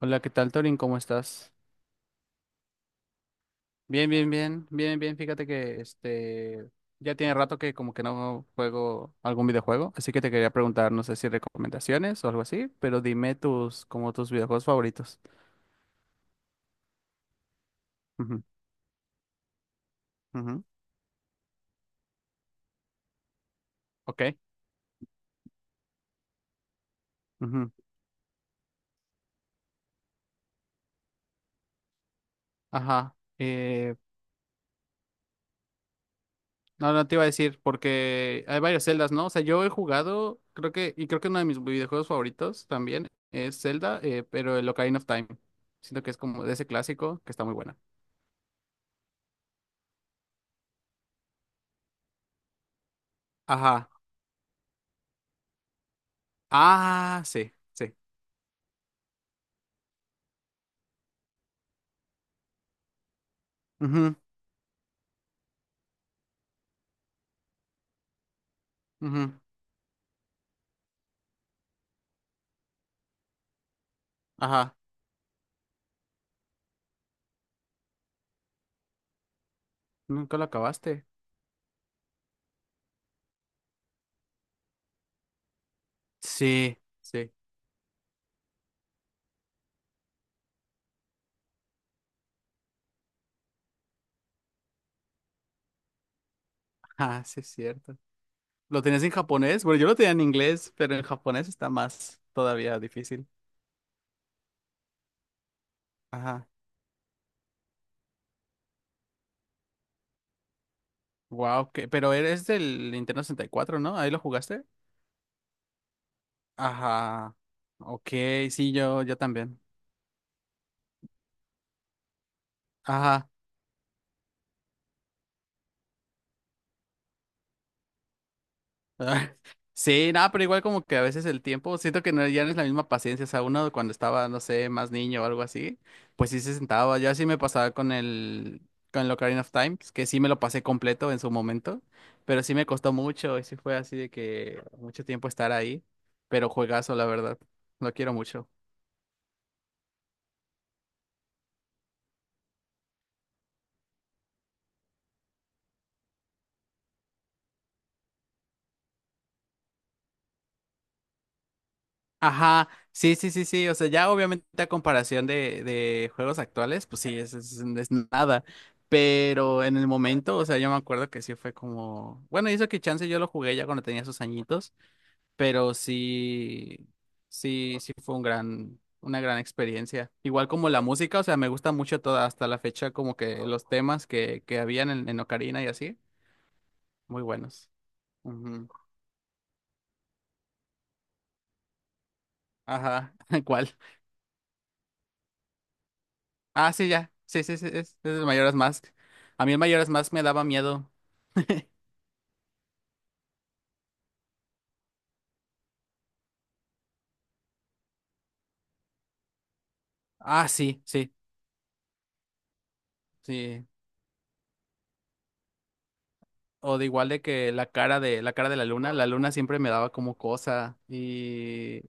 Hola, ¿qué tal, Torin? ¿Cómo estás? Bien, bien, bien, bien, bien. Fíjate que ya tiene rato que como que no juego algún videojuego, así que te quería preguntar, no sé si recomendaciones o algo así, pero dime tus como tus videojuegos favoritos. Ujú, ujú, ok, ujú. Ajá. No te iba a decir porque hay varias celdas, ¿no? O sea, yo he jugado, creo que y creo que uno de mis videojuegos favoritos también es Zelda, pero el Ocarina of Time. Siento que es como de ese clásico que está muy buena. Ajá. Ah, sí, sí. Ujú, ujú. Ajá. ¿Nunca lo acabaste? Sí, sí. Ah, sí, es cierto. ¿Lo tenías en japonés? Bueno, yo lo tenía en inglés, pero en japonés está más todavía difícil. Ajá. Wow, que... pero eres del Nintendo 64, ¿no? ¿Ahí lo jugaste? Ajá. Ok, sí, yo también. Ajá. Ah, sí, nada, pero igual como que a veces el tiempo, siento que no, ya no es la misma paciencia, o sea, uno cuando estaba, no sé, más niño o algo así, pues sí se sentaba, yo así me pasaba con el Ocarina of Time, que sí me lo pasé completo en su momento, pero sí me costó mucho y sí fue así de que mucho tiempo estar ahí, pero juegazo, la verdad, lo quiero mucho. Ajá, sí, sí, sí, sí, o sea, ya obviamente a comparación de juegos actuales, pues sí, es, es nada, pero en el momento, o sea, yo me acuerdo que sí fue como, bueno, y eso que chance yo lo jugué ya cuando tenía sus añitos, pero sí, sí, sí fue un gran, una gran experiencia. Igual como la música, o sea, me gusta mucho toda, hasta la fecha, como que los temas que habían en Ocarina y así, muy buenos. Ujú. Ajá, ¿cuál? Ah, sí, ya. Sí, sí, sí, es el Majora's Mask. A mí el Majora's Mask me daba miedo. Ah, sí, sí, sí. O de igual de que la cara de la cara de la luna siempre me daba como cosa. Y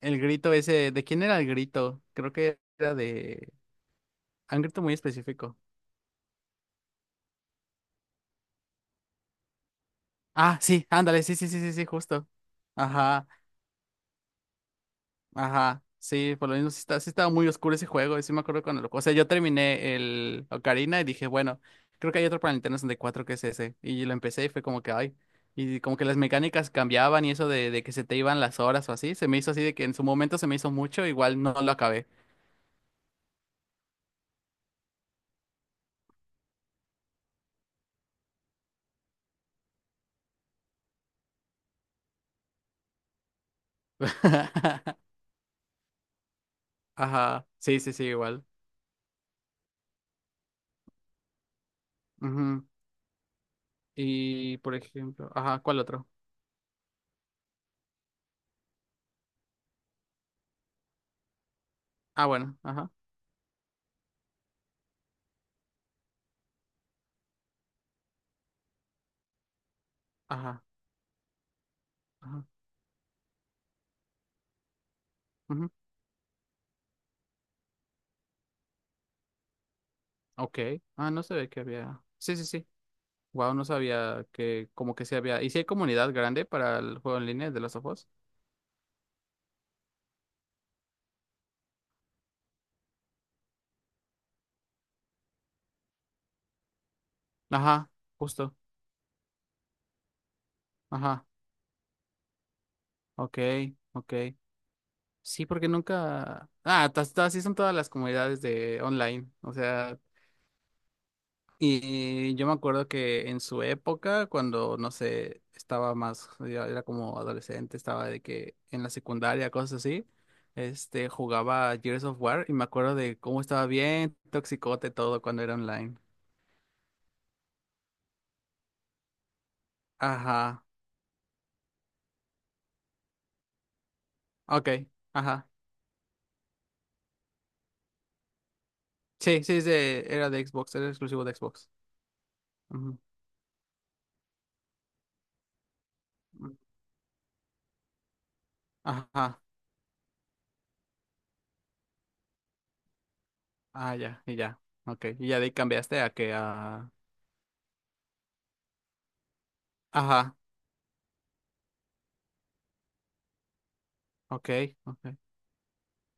el grito ese, ¿de quién era el grito? Creo que era de un grito muy específico. Ah, sí, ándale, sí, sí, sí, sí, sí, justo. Ajá. Ajá, sí, por lo mismo sí, está, sí estaba muy oscuro ese juego, y sí me acuerdo cuando lo... O sea, yo terminé el Ocarina y dije, bueno, creo que hay otro para Nintendo 64 que es ese. Y lo empecé y fue como que, ay, y como que las mecánicas cambiaban y eso de que se te iban las horas o así, se me hizo así de que en su momento se me hizo mucho, igual no lo acabé. Ajá, sí, sí, sí, igual. Ujú. Y, por ejemplo, ajá, ¿cuál otro? Ah, bueno, ajá, ajá, ajá, ujú. Ok, ah, no se ve que había... Sí, sí, sí. Wow, no sabía que como que se había. ¿Y si hay comunidad grande para el juego en línea de los of Us? Ajá, justo. Ajá. Ok, ok. Sí, porque nunca. Ah, así son todas las comunidades de online. O sea, y yo me acuerdo que en su época, cuando no sé, estaba más, ya era como adolescente, estaba de que en la secundaria, cosas así. Jugaba Gears of War y me acuerdo de cómo estaba bien toxicote todo cuando era online. Ajá. Ok. Ajá. Sí, sí, era de Xbox, era exclusivo de Xbox. Ujú, ujú. Ajá, ah, ya, y ya, ok, y ya de ahí cambiaste a que a... Ajá, ok, ok,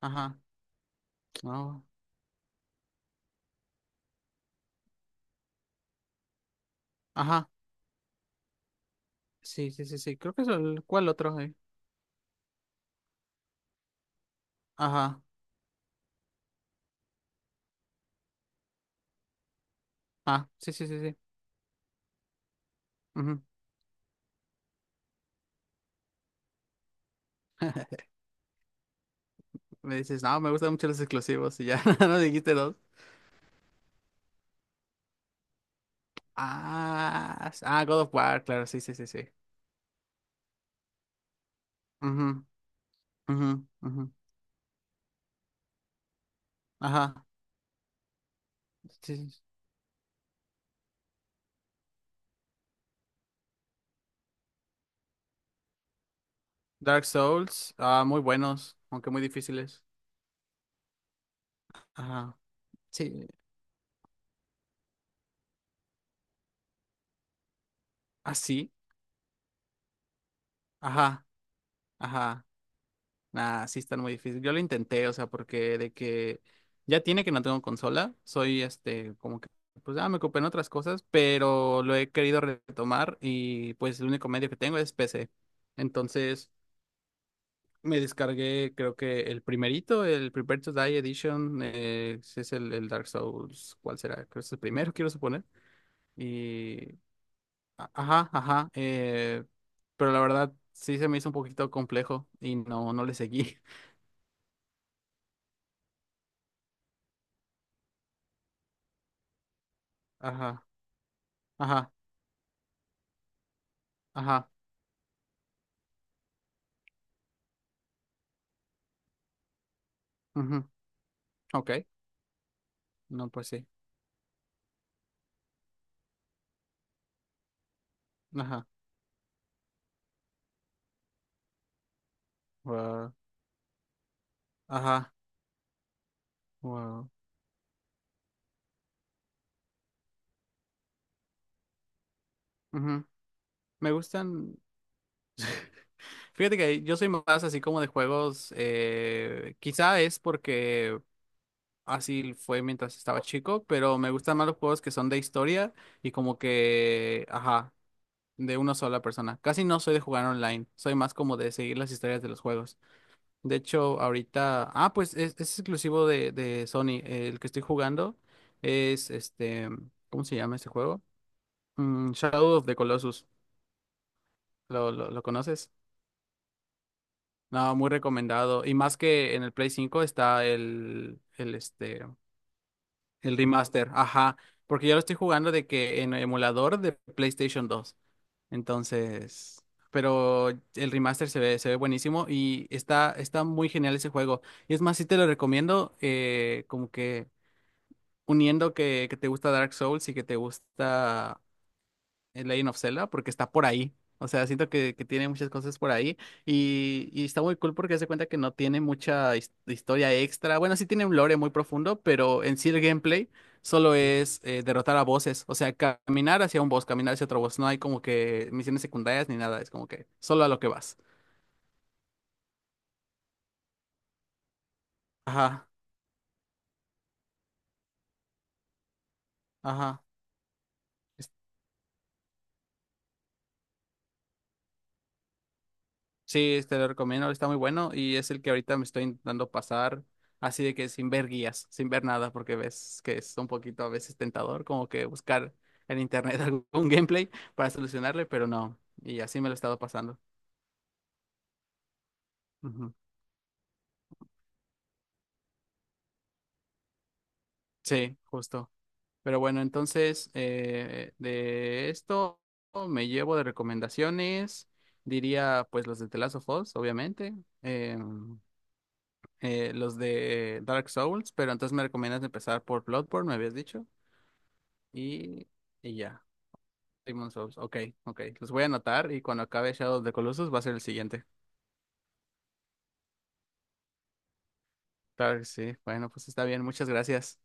ajá, no, ajá, sí, sí, sí, sí, creo que es el... ¿Cuál otro? ¿Eh? Ajá, ah, sí, sí, sí, sí, ujú. Me dices, no, me gustan mucho los exclusivos y ya, no dijiste dos. Ah, ah, God of War, claro, sí, sí, sí, sí. Ujú, ujú, ujú. Ajá, sí, sí, sí. Dark Souls, ah, muy buenos, aunque muy difíciles. Ajá. Sí. Así. Ajá. Ajá. Nah, sí están muy difícil. Yo lo intenté, o sea, porque de que ya tiene que no tengo consola. Soy como que, pues ya me ocupé en otras cosas, pero lo he querido retomar y pues el único medio que tengo es PC. Entonces me descargué, creo que el primerito, el Prepare to Die Edition, ese es el Dark Souls, ¿cuál será? Creo que es el primero, quiero suponer. y Ajá, ajá. Pero la verdad sí se me hizo un poquito complejo y no, no le seguí. Ajá, ajá, ajá, ujú, ok, no, pues sí. Ajá, wow, ajá, wow, ujú. Me gustan. Fíjate que yo soy más así como de juegos. Quizá es porque así fue mientras estaba chico, pero me gustan más los juegos que son de historia y como que, ajá, de una sola persona. Casi no soy de jugar online, soy más como de seguir las historias de los juegos. De hecho, ahorita, ah, pues es exclusivo de Sony. El que estoy jugando es ¿cómo se llama este juego? Mm, Shadow of the Colossus. Lo conoces? No, muy recomendado. Y más que en el Play 5 está el este, el remaster, ajá. Porque yo lo estoy jugando de que en emulador de PlayStation 2. Entonces, pero el remaster se ve buenísimo y está, está muy genial ese juego. Y es más, sí te lo recomiendo, como que uniendo que te gusta Dark Souls y que te gusta el Legend of Zelda porque está por ahí. O sea, siento que tiene muchas cosas por ahí y está muy cool porque se cuenta que no tiene mucha historia extra. Bueno, sí tiene un lore muy profundo, pero en sí el gameplay solo es derrotar a bosses. O sea, caminar hacia un boss, caminar hacia otro boss. No hay como que misiones secundarias ni nada. Es como que solo a lo que vas. Ajá, ajá. Sí, te lo recomiendo, está muy bueno y es el que ahorita me estoy intentando pasar así de que sin ver guías, sin ver nada, porque ves que es un poquito a veces tentador como que buscar en internet algún gameplay para solucionarle, pero no, y así me lo he estado pasando. Ujú. Sí, justo. Pero bueno, entonces de esto me llevo de recomendaciones, diría pues los de The Last of Us, obviamente, em, los de Dark Souls, pero entonces me recomiendas empezar por Bloodborne, me habías dicho. Y, y ya. Demon Souls. Ok, ok. Los voy a anotar y cuando acabe Shadow of the Colossus va a ser el siguiente. Claro que sí. Bueno, pues está bien. Muchas gracias.